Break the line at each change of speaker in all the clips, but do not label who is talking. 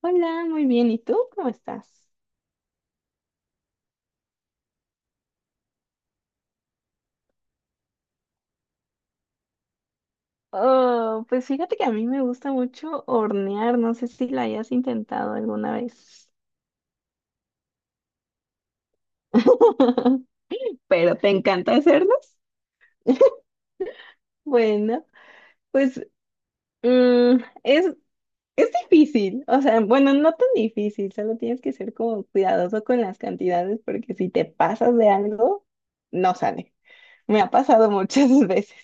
Hola, muy bien. ¿Y tú cómo estás? Oh, pues fíjate que a mí me gusta mucho hornear. No sé si la hayas intentado alguna vez. Pero ¿te encanta hacerlos? Bueno, pues mm, es, es difícil. O sea, bueno, no tan difícil. Solo tienes que ser como cuidadoso con las cantidades porque si te pasas de algo, no sale. Me ha pasado muchas veces.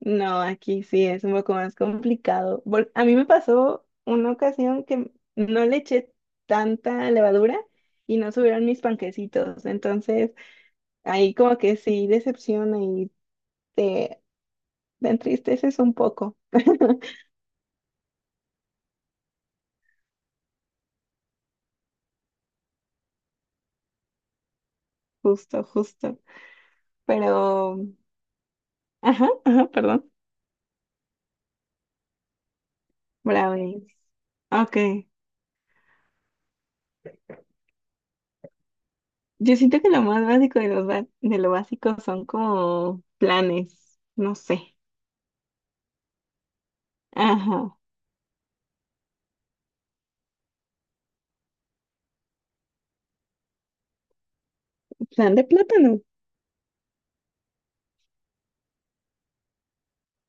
No, aquí sí es un poco más complicado. A mí me pasó una ocasión que no le eché tanta levadura y no subieron mis panquecitos. Entonces, ahí como que sí decepciona y te, te entristeces un poco. Justo, justo. Pero, ajá, ajá, perdón. Bravo. Ok. Yo siento que lo más básico de, de lo básico son como planes. No sé. Ajá. Plan de plátano.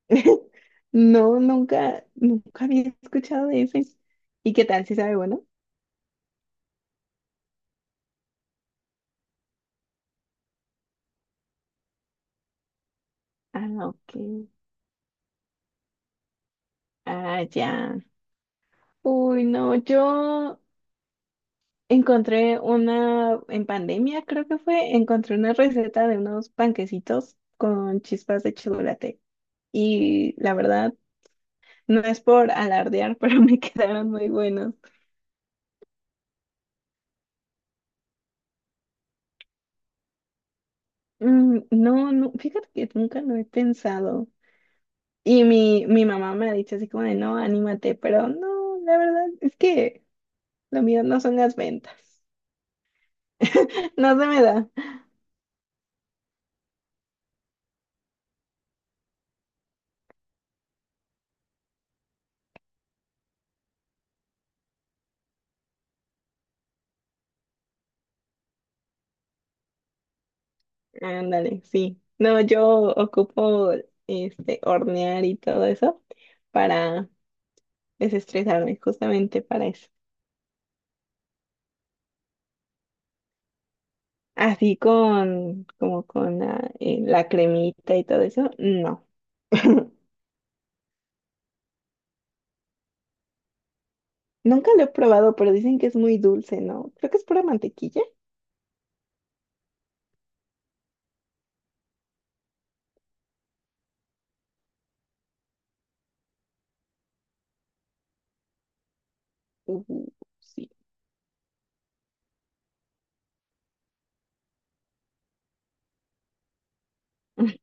No, nunca, nunca había escuchado de ese. ¿Y qué tal? ¿Si sabe bueno? Ah, ok. Ah, ya. Uy, no, yo encontré una, en pandemia creo que fue, encontré una receta de unos panquecitos con chispas de chocolate. Y la verdad, no es por alardear, pero me quedaron muy buenos. No, no, fíjate que nunca lo he pensado. Y mi mamá me ha dicho así como de, no, anímate, pero no, la verdad es que lo mío no son las ventas. No se me da. Ándale, sí. No, yo ocupo este hornear y todo eso para desestresarme, justamente para eso. Así con, como con la, la cremita y todo eso, no. Nunca lo he probado, pero dicen que es muy dulce, ¿no? Creo que es pura mantequilla. Uh, sí.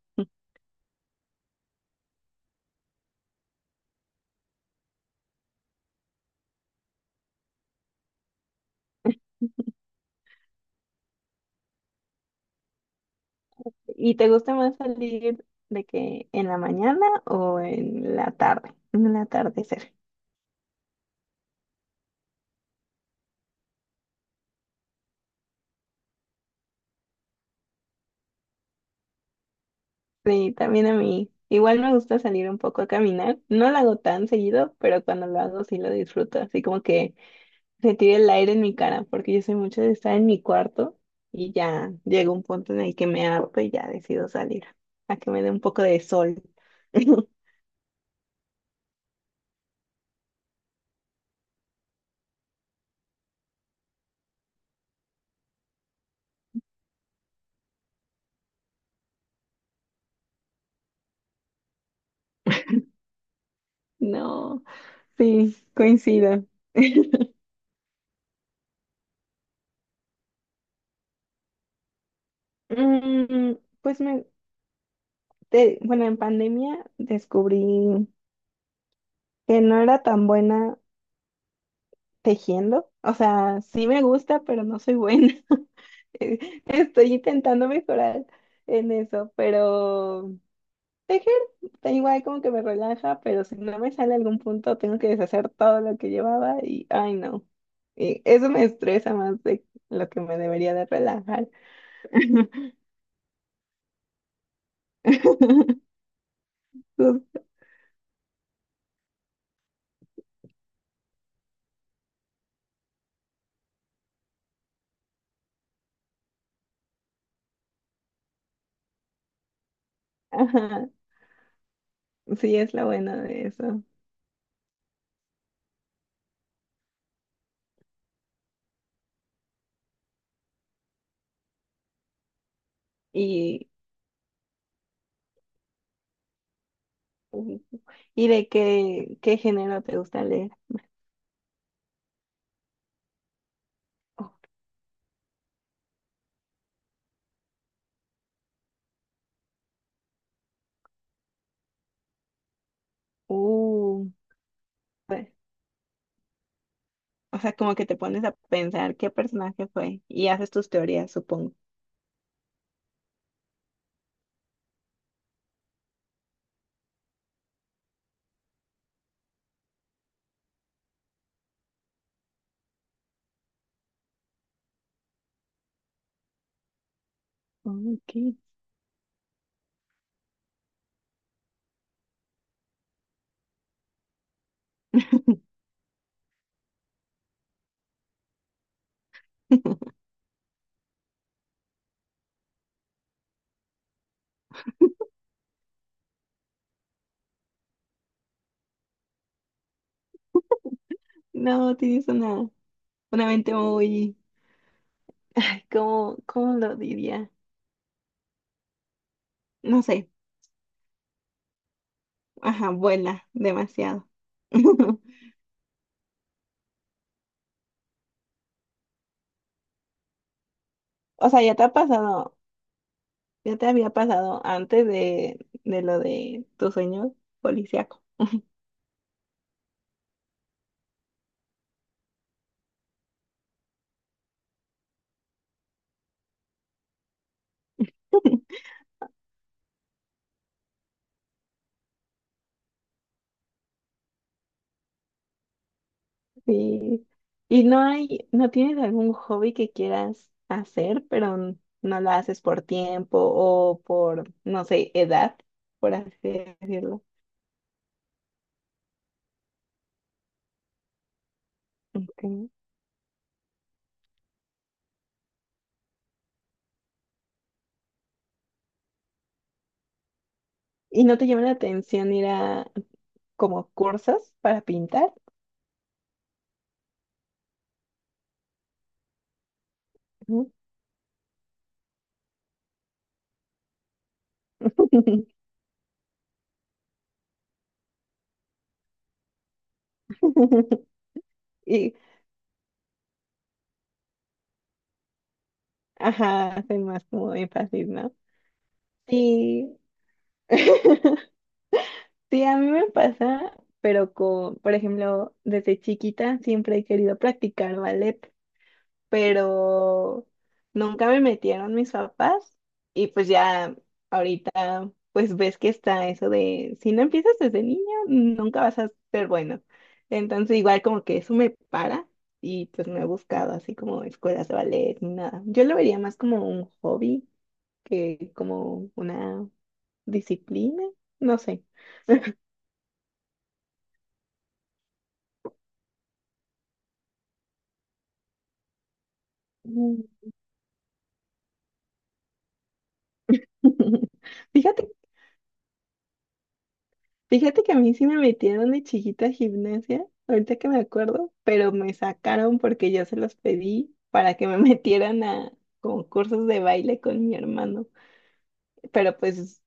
¿Y te gusta más salir de que en la mañana o en la tarde? En el atardecer. Sí, también a mí. Igual me gusta salir un poco a caminar. No lo hago tan seguido, pero cuando lo hago sí lo disfruto. Así como que se tira el aire en mi cara, porque yo soy mucho de estar en mi cuarto y ya llega un punto en el que me harto y ya decido salir a que me dé un poco de sol. No, sí, coincido. Mm, pues me, bueno, en pandemia descubrí que no era tan buena tejiendo. O sea, sí me gusta, pero no soy buena. Estoy intentando mejorar en eso, pero tejer, da igual como que me relaja, pero si no me sale algún punto, tengo que deshacer todo lo que llevaba y, ay, no. Y eso me estresa más de lo que me debería de relajar. Pues, ajá, sí es lo bueno de eso. Y ¿y de qué, qué género te gusta leer? Oh, uh, pues, o sea, como que te pones a pensar qué personaje fue y haces tus teorías, supongo. Ok. No, tienes una mente muy, ay, ¿cómo, cómo lo diría? No sé, ajá, vuela demasiado. O sea, ya te ha pasado, ya te había pasado antes de lo de tu sueño policiaco. Sí. ¿Y no hay, no tienes algún hobby que quieras hacer, pero no lo haces por tiempo o por, no sé, edad, por así decirlo? Ok. ¿Y no te llama la atención ir a como cursos para pintar? Ujú. Y, ajá, hacen más como énfasis, ¿no? Sí. Sí, a mí me pasa, pero con, por ejemplo, desde chiquita siempre he querido practicar ballet. Pero nunca me metieron mis papás y pues ya ahorita pues ves que está eso de si no empiezas desde niño nunca vas a ser bueno. Entonces igual como que eso me para y pues no he buscado así como escuelas de ballet ni nada. Yo lo vería más como un hobby que como una disciplina, no sé. Mm. Fíjate Fíjate que a mí sí me metieron de chiquita a gimnasia, ahorita que me acuerdo, pero me sacaron porque yo se los pedí para que me metieran a concursos de baile con mi hermano. Pero pues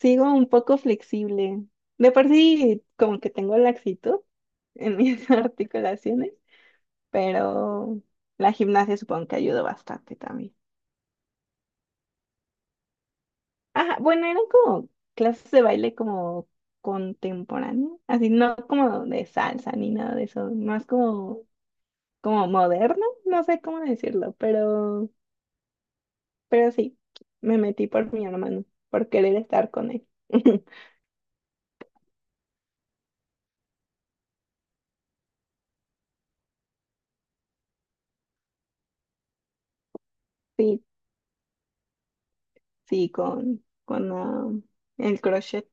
sigo un poco flexible. De por sí, como que tengo laxitud en mis articulaciones, pero la gimnasia supongo que ayuda bastante también. Ajá, bueno, eran como clases de baile como contemporáneo, así no como de salsa ni nada de eso, más como, como moderno, no sé cómo decirlo, pero sí, me metí por mi hermano, por querer estar con él. Sí, sí, con el crochet,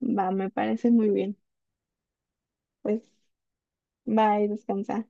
va, me parece muy bien, pues, bye, descansa.